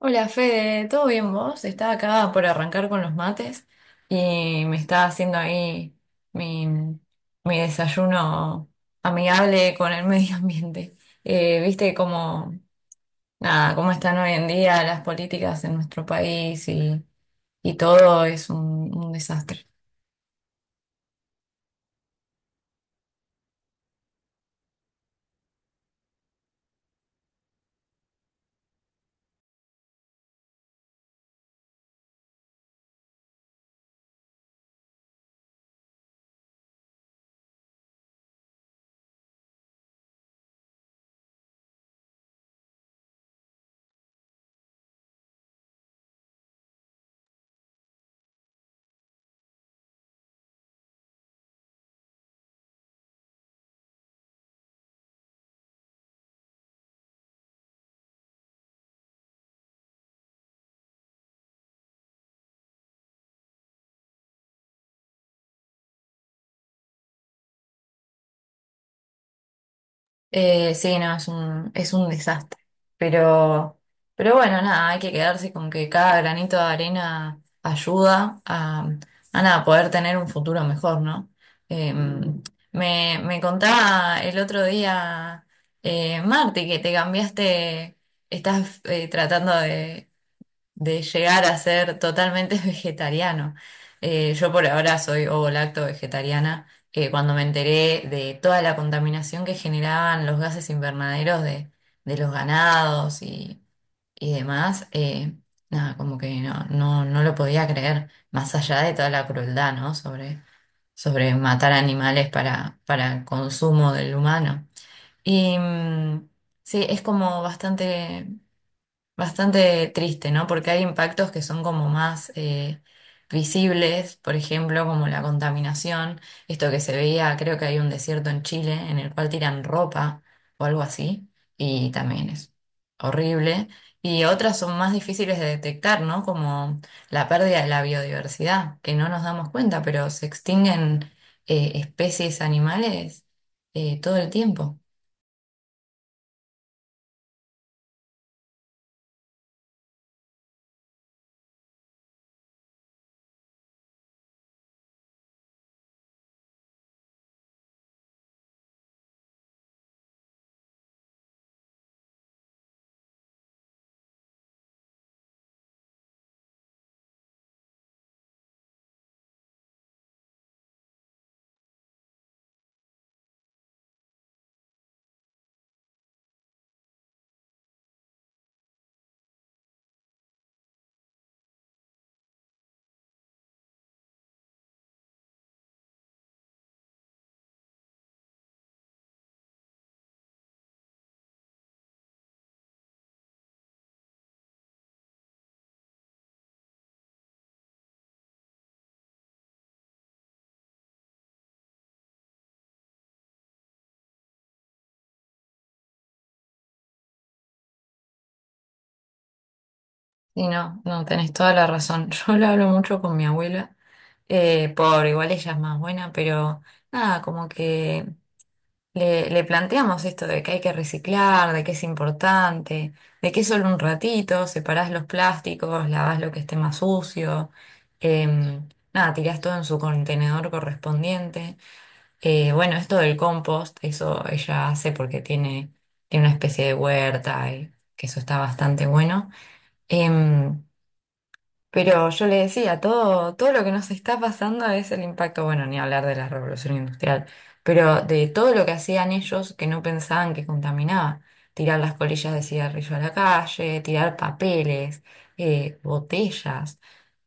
Hola Fede, ¿todo bien vos? Estaba acá por arrancar con los mates y me estaba haciendo ahí mi desayuno amigable con el medio ambiente. Viste cómo, nada, cómo están hoy en día las políticas en nuestro país y todo es un desastre. Sí, no, es es un desastre. Pero, pero bueno, nada, hay que quedarse con que cada granito de arena ayuda a nada, poder tener un futuro mejor, ¿no? Me contaba el otro día, Marti, que te cambiaste, estás tratando de llegar a ser totalmente vegetariano. Yo por ahora soy ovo-lacto vegetariana. Cuando me enteré de toda la contaminación que generaban los gases invernaderos de los ganados y demás, nada, como que no, no, no lo podía creer, más allá de toda la crueldad, ¿no? Sobre, sobre matar animales para el consumo del humano. Y mm, sí, es como bastante triste, ¿no? Porque hay impactos que son como más visibles, por ejemplo, como la contaminación, esto que se veía, creo que hay un desierto en Chile en el cual tiran ropa o algo así, y también es horrible. Y otras son más difíciles de detectar, ¿no? Como la pérdida de la biodiversidad, que no nos damos cuenta, pero se extinguen especies animales todo el tiempo. Y no, no, tenés toda la razón. Yo lo hablo mucho con mi abuela, por igual ella es más buena, pero nada, como que le planteamos esto de que hay que reciclar, de que es importante, de que es solo un ratito, separás los plásticos, lavás lo que esté más sucio, em, nada, tirás todo en su contenedor correspondiente. Bueno, esto del compost, eso ella hace porque tiene, tiene una especie de huerta y que eso está bastante bueno. Em, pero yo le decía, todo, todo lo que nos está pasando es el impacto, bueno, ni hablar de la revolución industrial, pero de todo lo que hacían ellos que no pensaban que contaminaba. Tirar las colillas de cigarrillo a la calle, tirar papeles, botellas,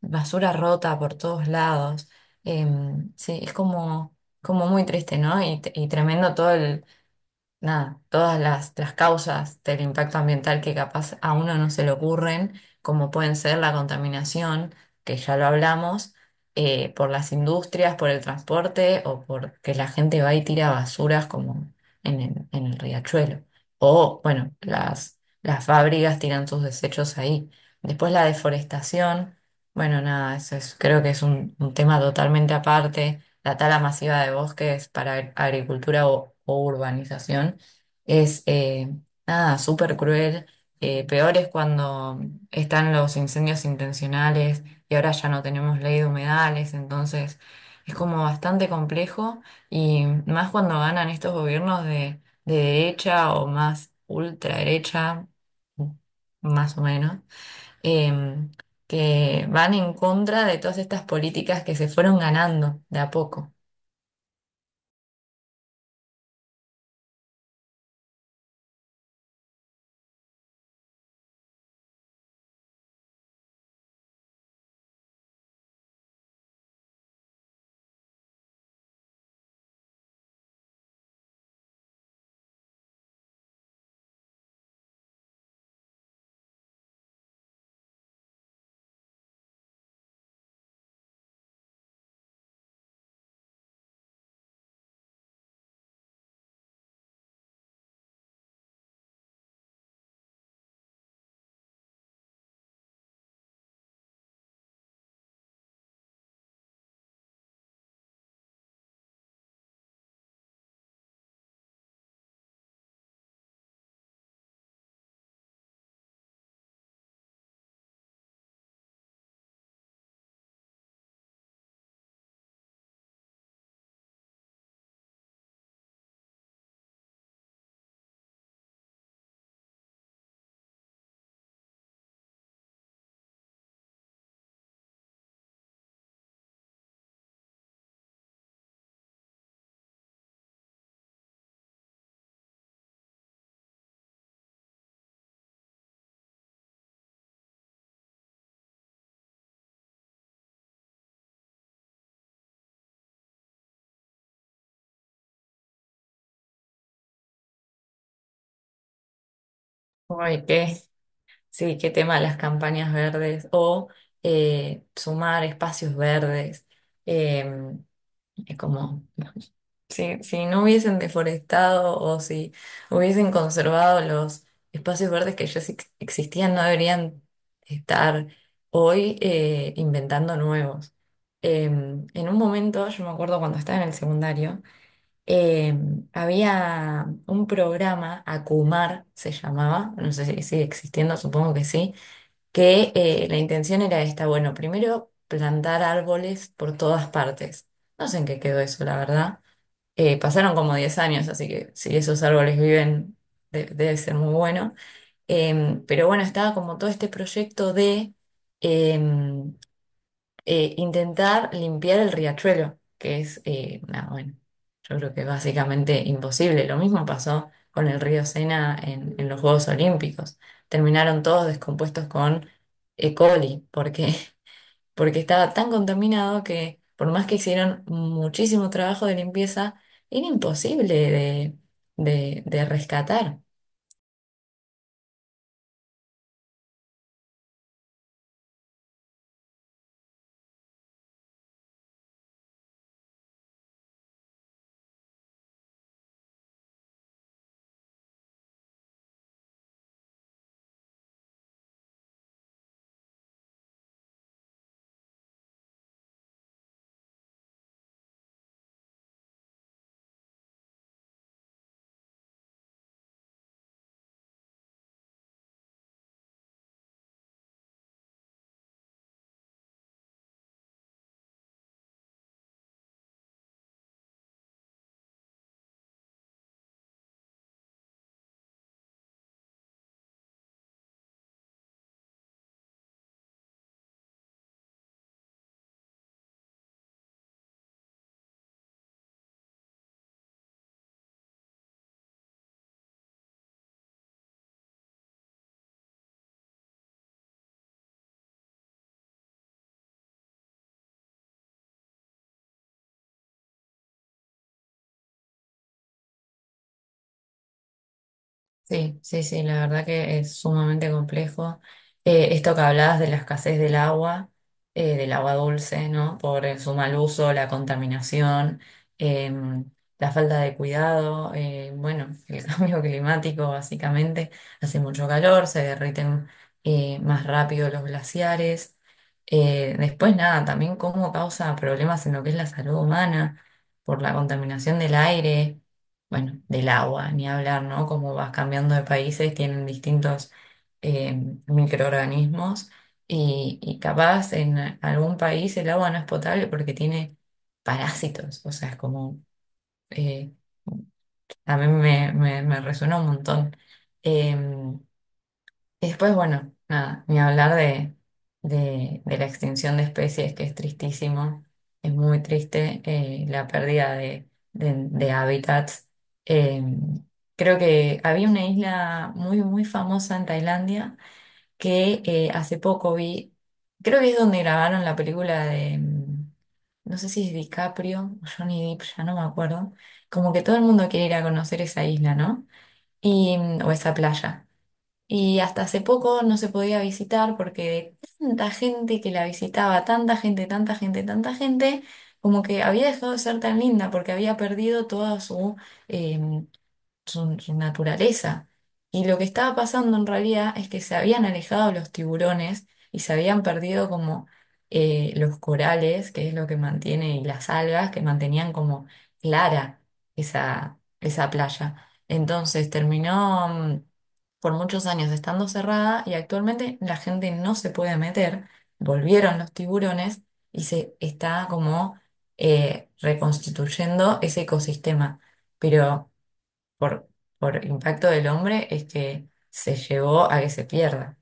basura rota por todos lados. Em, sí, es como, como muy triste, ¿no? Y tremendo todo nada, todas las causas del impacto ambiental que capaz a uno no se le ocurren, como pueden ser la contaminación, que ya lo hablamos, por las industrias, por el transporte o porque la gente va y tira basuras como en el riachuelo. O, bueno, las fábricas tiran sus desechos ahí. Después la deforestación, bueno, nada, eso es, creo que es un tema totalmente aparte la tala masiva de bosques para agricultura o urbanización es nada, súper cruel. Peor es cuando están los incendios intencionales y ahora ya no tenemos ley de humedales, entonces es como bastante complejo y más cuando ganan estos gobiernos de derecha o más ultraderecha, más o menos. em, que van en contra de todas estas políticas que se fueron ganando de a poco. Ay, qué, sí, qué tema las campañas verdes o sumar espacios verdes. Eh, es como, si, si no hubiesen deforestado o si hubiesen conservado los espacios verdes que ya existían, no deberían estar hoy inventando nuevos. En un momento, yo me acuerdo cuando estaba en el secundario, eh, había un programa, Acumar se llamaba, no sé si sigue existiendo, supongo que sí, que la intención era esta, bueno, primero plantar árboles por todas partes. No sé en qué quedó eso, la verdad. Pasaron como 10 años, así que si esos árboles viven, debe ser muy bueno. Em, pero bueno, estaba como todo este proyecto de... em, intentar limpiar el riachuelo, que es, nada, bueno, yo creo que es básicamente imposible. Lo mismo pasó con el río Sena en los Juegos Olímpicos. Terminaron todos descompuestos con E. coli, porque, porque estaba tan contaminado que por más que hicieron muchísimo trabajo de limpieza, era imposible de, de rescatar. Sí, sí, sí, la verdad que es sumamente complejo. Esto que hablabas de la escasez del agua dulce, ¿no? Por el- su mal uso, la contaminación, eh, la falta de cuidado, bueno, el cambio climático básicamente. Hace mucho calor, se derriten más rápido los glaciares. Después, nada, también cómo causa problemas en lo que es la salud humana, por la contaminación del aire bueno, del agua, ni hablar, ¿no? Como vas cambiando de países, tienen distintos eh, microorganismos y capaz en algún país el agua no es potable porque tiene parásitos, o sea, es como, eh, a mí me resuena un montón. Eh, y después, bueno, nada, ni hablar de la extinción de especies, que es tristísimo, es muy triste la pérdida de hábitats. Eh, creo que había una isla muy, muy famosa en Tailandia que hace poco vi, creo que es donde grabaron la película de, mm, no sé si es DiCaprio o Johnny Depp, ya no me acuerdo, como que todo el mundo quiere ir a conocer esa isla, ¿no? Y, mm, o esa playa. Y hasta hace poco no se podía visitar porque de tanta gente que la visitaba, tanta gente, tanta gente, tanta gente, como que había dejado de ser tan linda porque había perdido toda su, em, su naturaleza. Y lo que estaba pasando en realidad es que se habían alejado los tiburones y se habían perdido como los corales, que es lo que mantiene, y las algas que mantenían como clara esa, esa playa. Entonces terminó mm, por muchos años estando cerrada y actualmente la gente no se puede meter. Volvieron los tiburones y se está como reconstituyendo ese ecosistema. Pero por, por impacto del hombre es que se llevó a que se pierda.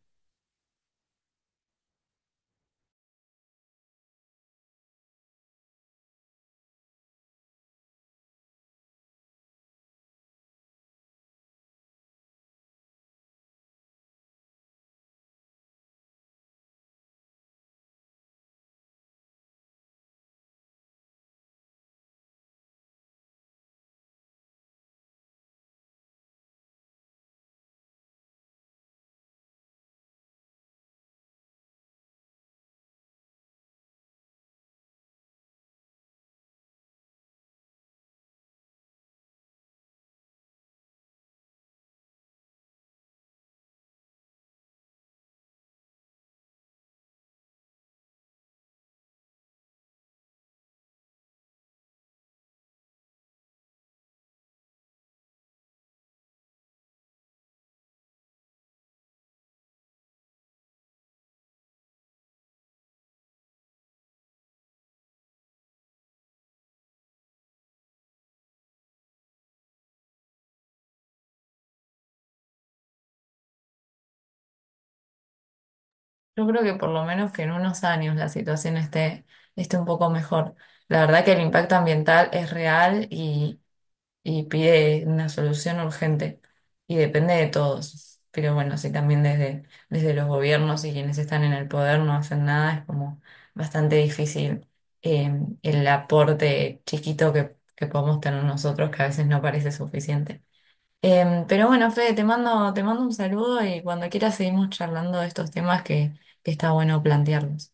Yo creo que por lo menos que en unos años la situación esté, esté un poco mejor. La verdad que el impacto ambiental es real y pide una solución urgente y depende de todos. Pero bueno, si también desde, desde los gobiernos y quienes están en el poder no hacen nada, es como bastante difícil eh, el aporte chiquito que podemos tener nosotros, que a veces no parece suficiente. Em, pero bueno, Fede, te mando un saludo y cuando quieras seguimos charlando de estos temas que está bueno plantearlos.